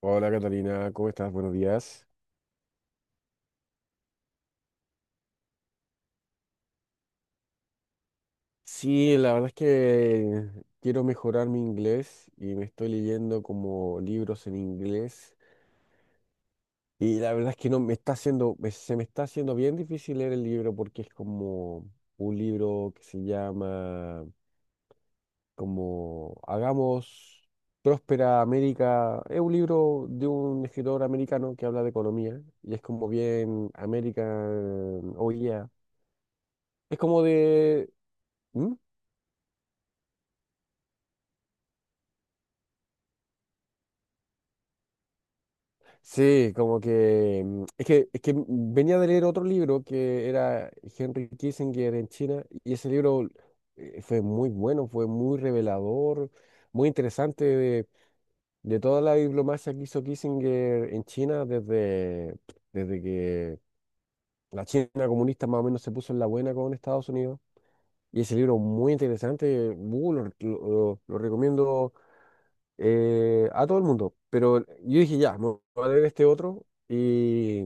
Hola Catalina, ¿cómo estás? Buenos días. Sí, la verdad es que quiero mejorar mi inglés y me estoy leyendo como libros en inglés y la verdad es que no me está haciendo, se me está haciendo bien difícil leer el libro porque es como un libro que se llama como Hagamos Próspera América. Es un libro de un escritor americano que habla de economía y es como bien American, oh yeah. Es como de... ¿Mm? Sí, como que es que venía de leer otro libro que era Henry Kissinger en China y ese libro fue muy bueno, fue muy revelador, muy interesante de toda la diplomacia que hizo Kissinger en China desde que la China comunista más o menos se puso en la buena con Estados Unidos y ese libro muy interesante, lo recomiendo a todo el mundo. Pero yo dije ya, me voy a leer este otro y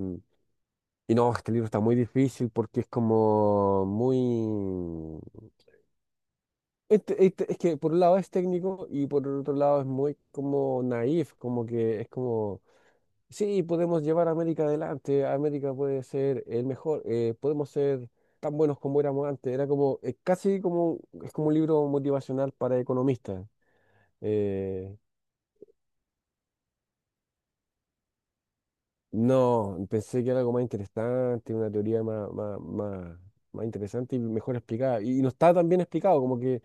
no, este libro está muy difícil porque es como muy... es que por un lado es técnico y por otro lado es muy como naif, como que es como, sí, podemos llevar a América adelante, América puede ser el mejor, podemos ser tan buenos como éramos antes. Era como, es casi como, es como un libro motivacional para economistas. Eh, no, pensé que era algo más interesante, una teoría más interesante y mejor explicada. Y no está tan bien explicado, como que...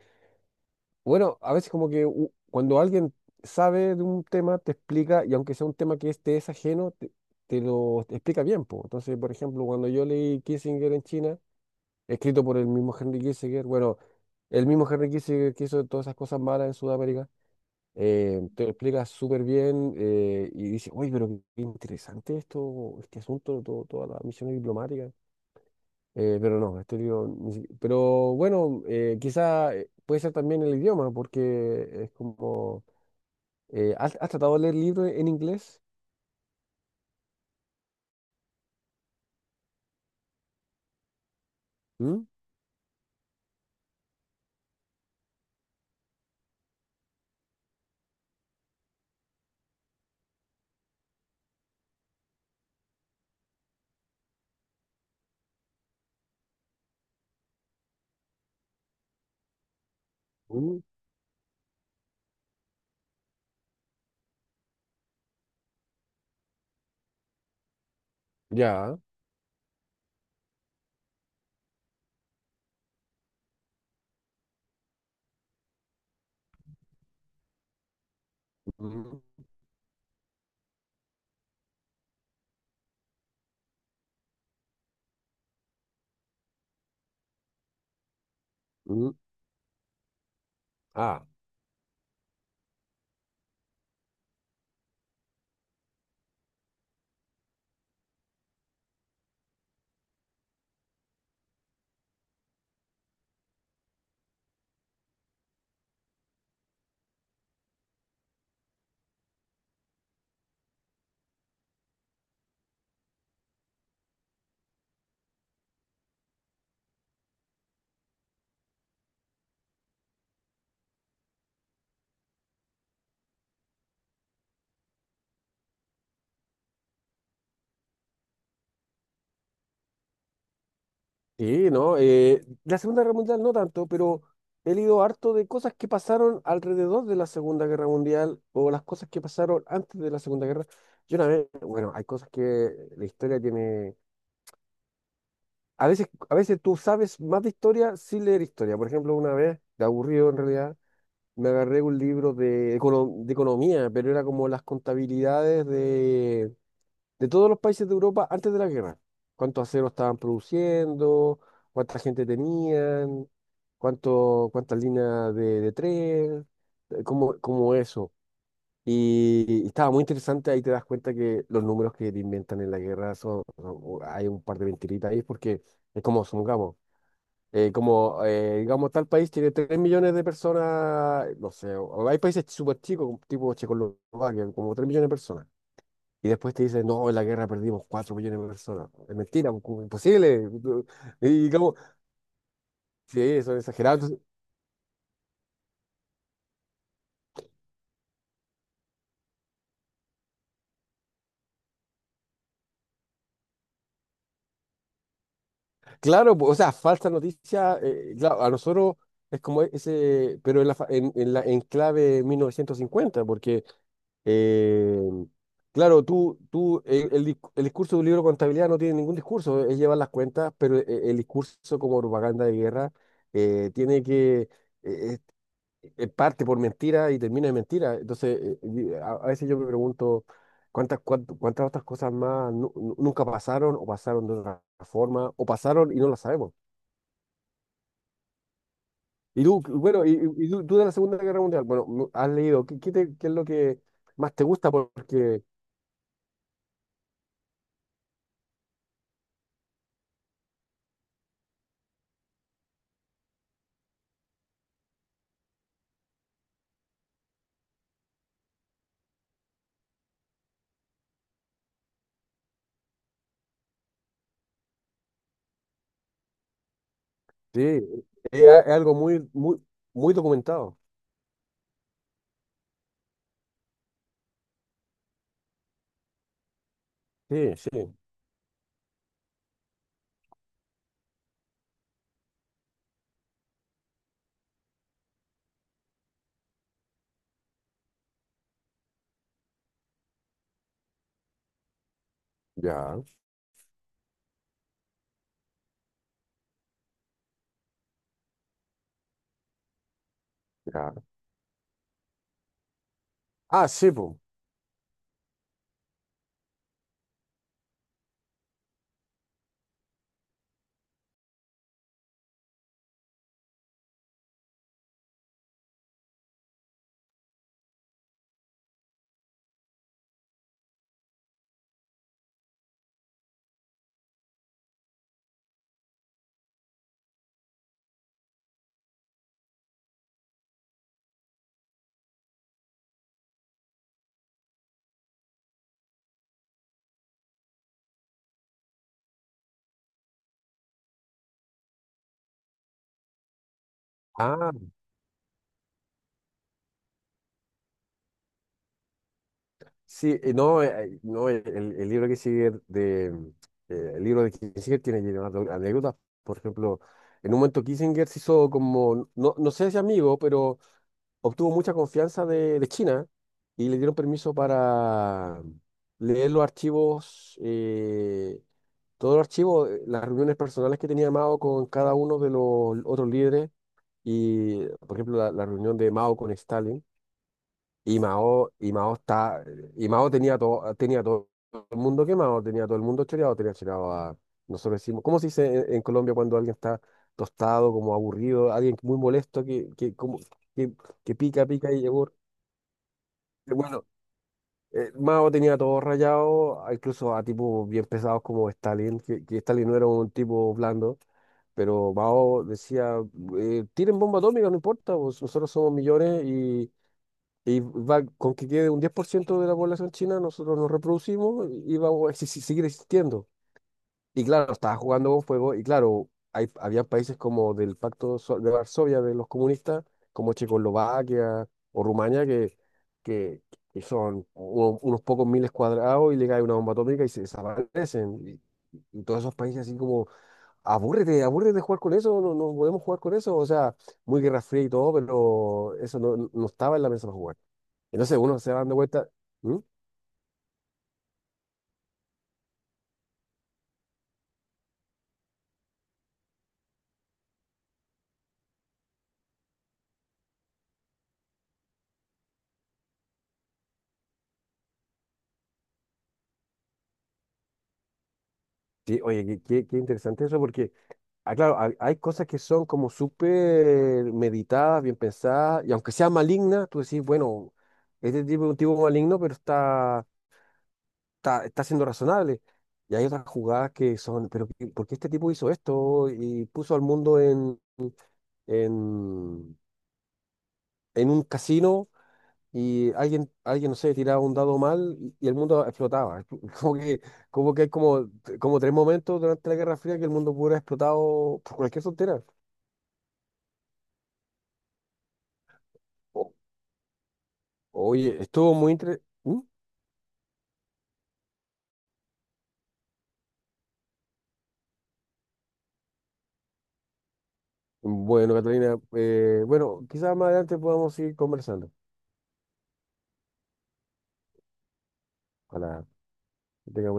Bueno, a veces como que cuando alguien sabe de un tema, te explica, y aunque sea un tema que es, te es ajeno, te explica bien, po. Entonces, por ejemplo, cuando yo leí Kissinger en China, escrito por el mismo Henry Kissinger, bueno, el mismo Henry Kissinger que hizo todas esas cosas malas en Sudamérica, te lo explica súper bien y dice, uy pero qué interesante esto, este asunto, toda la misión diplomática. Pero no, este libro. Ni si- Pero bueno, quizá puede ser también el idioma, porque es como. ¿Has tratado de leer libros en inglés? ¿Mm? Mm. Ya. Mm. Mm. Ah, sí, ¿no? La Segunda Guerra Mundial no tanto, pero he leído harto de cosas que pasaron alrededor de la Segunda Guerra Mundial o las cosas que pasaron antes de la Segunda Guerra. Yo una vez, bueno, hay cosas que la historia tiene. A veces tú sabes más de historia sin leer historia. Por ejemplo, una vez, de aburrido en realidad, me agarré un libro de economía, pero era como las contabilidades de todos los países de Europa antes de la guerra. Cuántos aceros estaban produciendo, cuánta gente tenían, cuántas líneas de tren, como, eso. Y estaba muy interesante, ahí te das cuenta que los números que te inventan en la guerra hay un par de mentiritas ahí porque es como, supongamos. Como, digamos, tal país tiene 3 millones de personas, no sé, hay países súper chicos, tipo Checoslovaquia, como 3 millones de personas. Y después te dicen, no, en la guerra perdimos 4 millones de personas. Es mentira, pues, como imposible. Y como, sí, son exagerados. Entonces, claro, pues, o sea, falsa noticia, claro, a nosotros es como ese, pero en la enclave 1950, porque Eh, claro, tú, el discurso de un libro de contabilidad no tiene ningún discurso, es llevar las cuentas, pero el discurso como propaganda de guerra tiene que, eh, es- parte por mentira y termina en mentira. Entonces, a veces yo me pregunto cuántas otras cosas más nunca pasaron o pasaron de otra forma o pasaron y no las sabemos. Y tú, bueno, y tú de la Segunda Guerra Mundial, bueno, has leído, ¿qué es lo que más te gusta? Porque sí, es algo muy, muy, muy documentado. Sí, sí, ya, ya. Ah, sí, pues. Ah, sí, no el libro que sigue de el libro de Kissinger tiene llenas de anécdotas. Por ejemplo, en un momento Kissinger se hizo como, no, no sé si amigo, pero obtuvo mucha confianza de China y le dieron permiso para leer los archivos todo el archivo, las reuniones personales que tenía Mao con cada uno de los otros líderes y, por ejemplo, la reunión de Mao con Stalin. Y Mao tenía todo el mundo quemado, tenía todo el mundo choreado, tenía choreado a, nosotros decimos, ¿cómo se dice en Colombia cuando alguien está tostado, como aburrido, alguien muy molesto como, que, que pica, pica y yogur? Bueno, Mao tenía todo rayado, incluso a tipos bien pesados como Stalin, que Stalin no era un tipo blando, pero Mao decía, tiren bomba atómica, no importa, pues, nosotros somos millones y, va, con que quede un 10% de la población china, nosotros nos reproducimos y vamos a seguir existiendo. Y claro, estaba jugando con fuego y claro, había países como del Pacto de Varsovia de los comunistas, como Checoslovaquia o Rumania, que, que son unos pocos miles cuadrados y le cae una bomba atómica y se desaparecen. Y todos esos países así como, abúrrete, abúrrete de jugar con eso, no, no podemos jugar con eso. O sea, muy Guerra Fría y todo, pero eso no estaba en la mesa para jugar. Entonces uno se va dando vuelta. ¿Mm? Sí, oye, qué interesante eso, porque ah, claro, hay cosas que son como súper meditadas, bien pensadas, y aunque sea maligna, tú decís, bueno, este tipo es un tipo maligno, pero está siendo razonable. Y hay otras jugadas que son, pero ¿por qué este tipo hizo esto? Y puso al mundo en, en un casino y alguien, no sé, tiraba un dado mal y el mundo explotaba. Como que, como que hay como tres momentos durante la Guerra Fría que el mundo hubiera explotado por cualquier tontera. Oye, estuvo muy interesante. Bueno, Catalina, bueno, quizás más adelante podamos seguir conversando. Ojalá que tengamos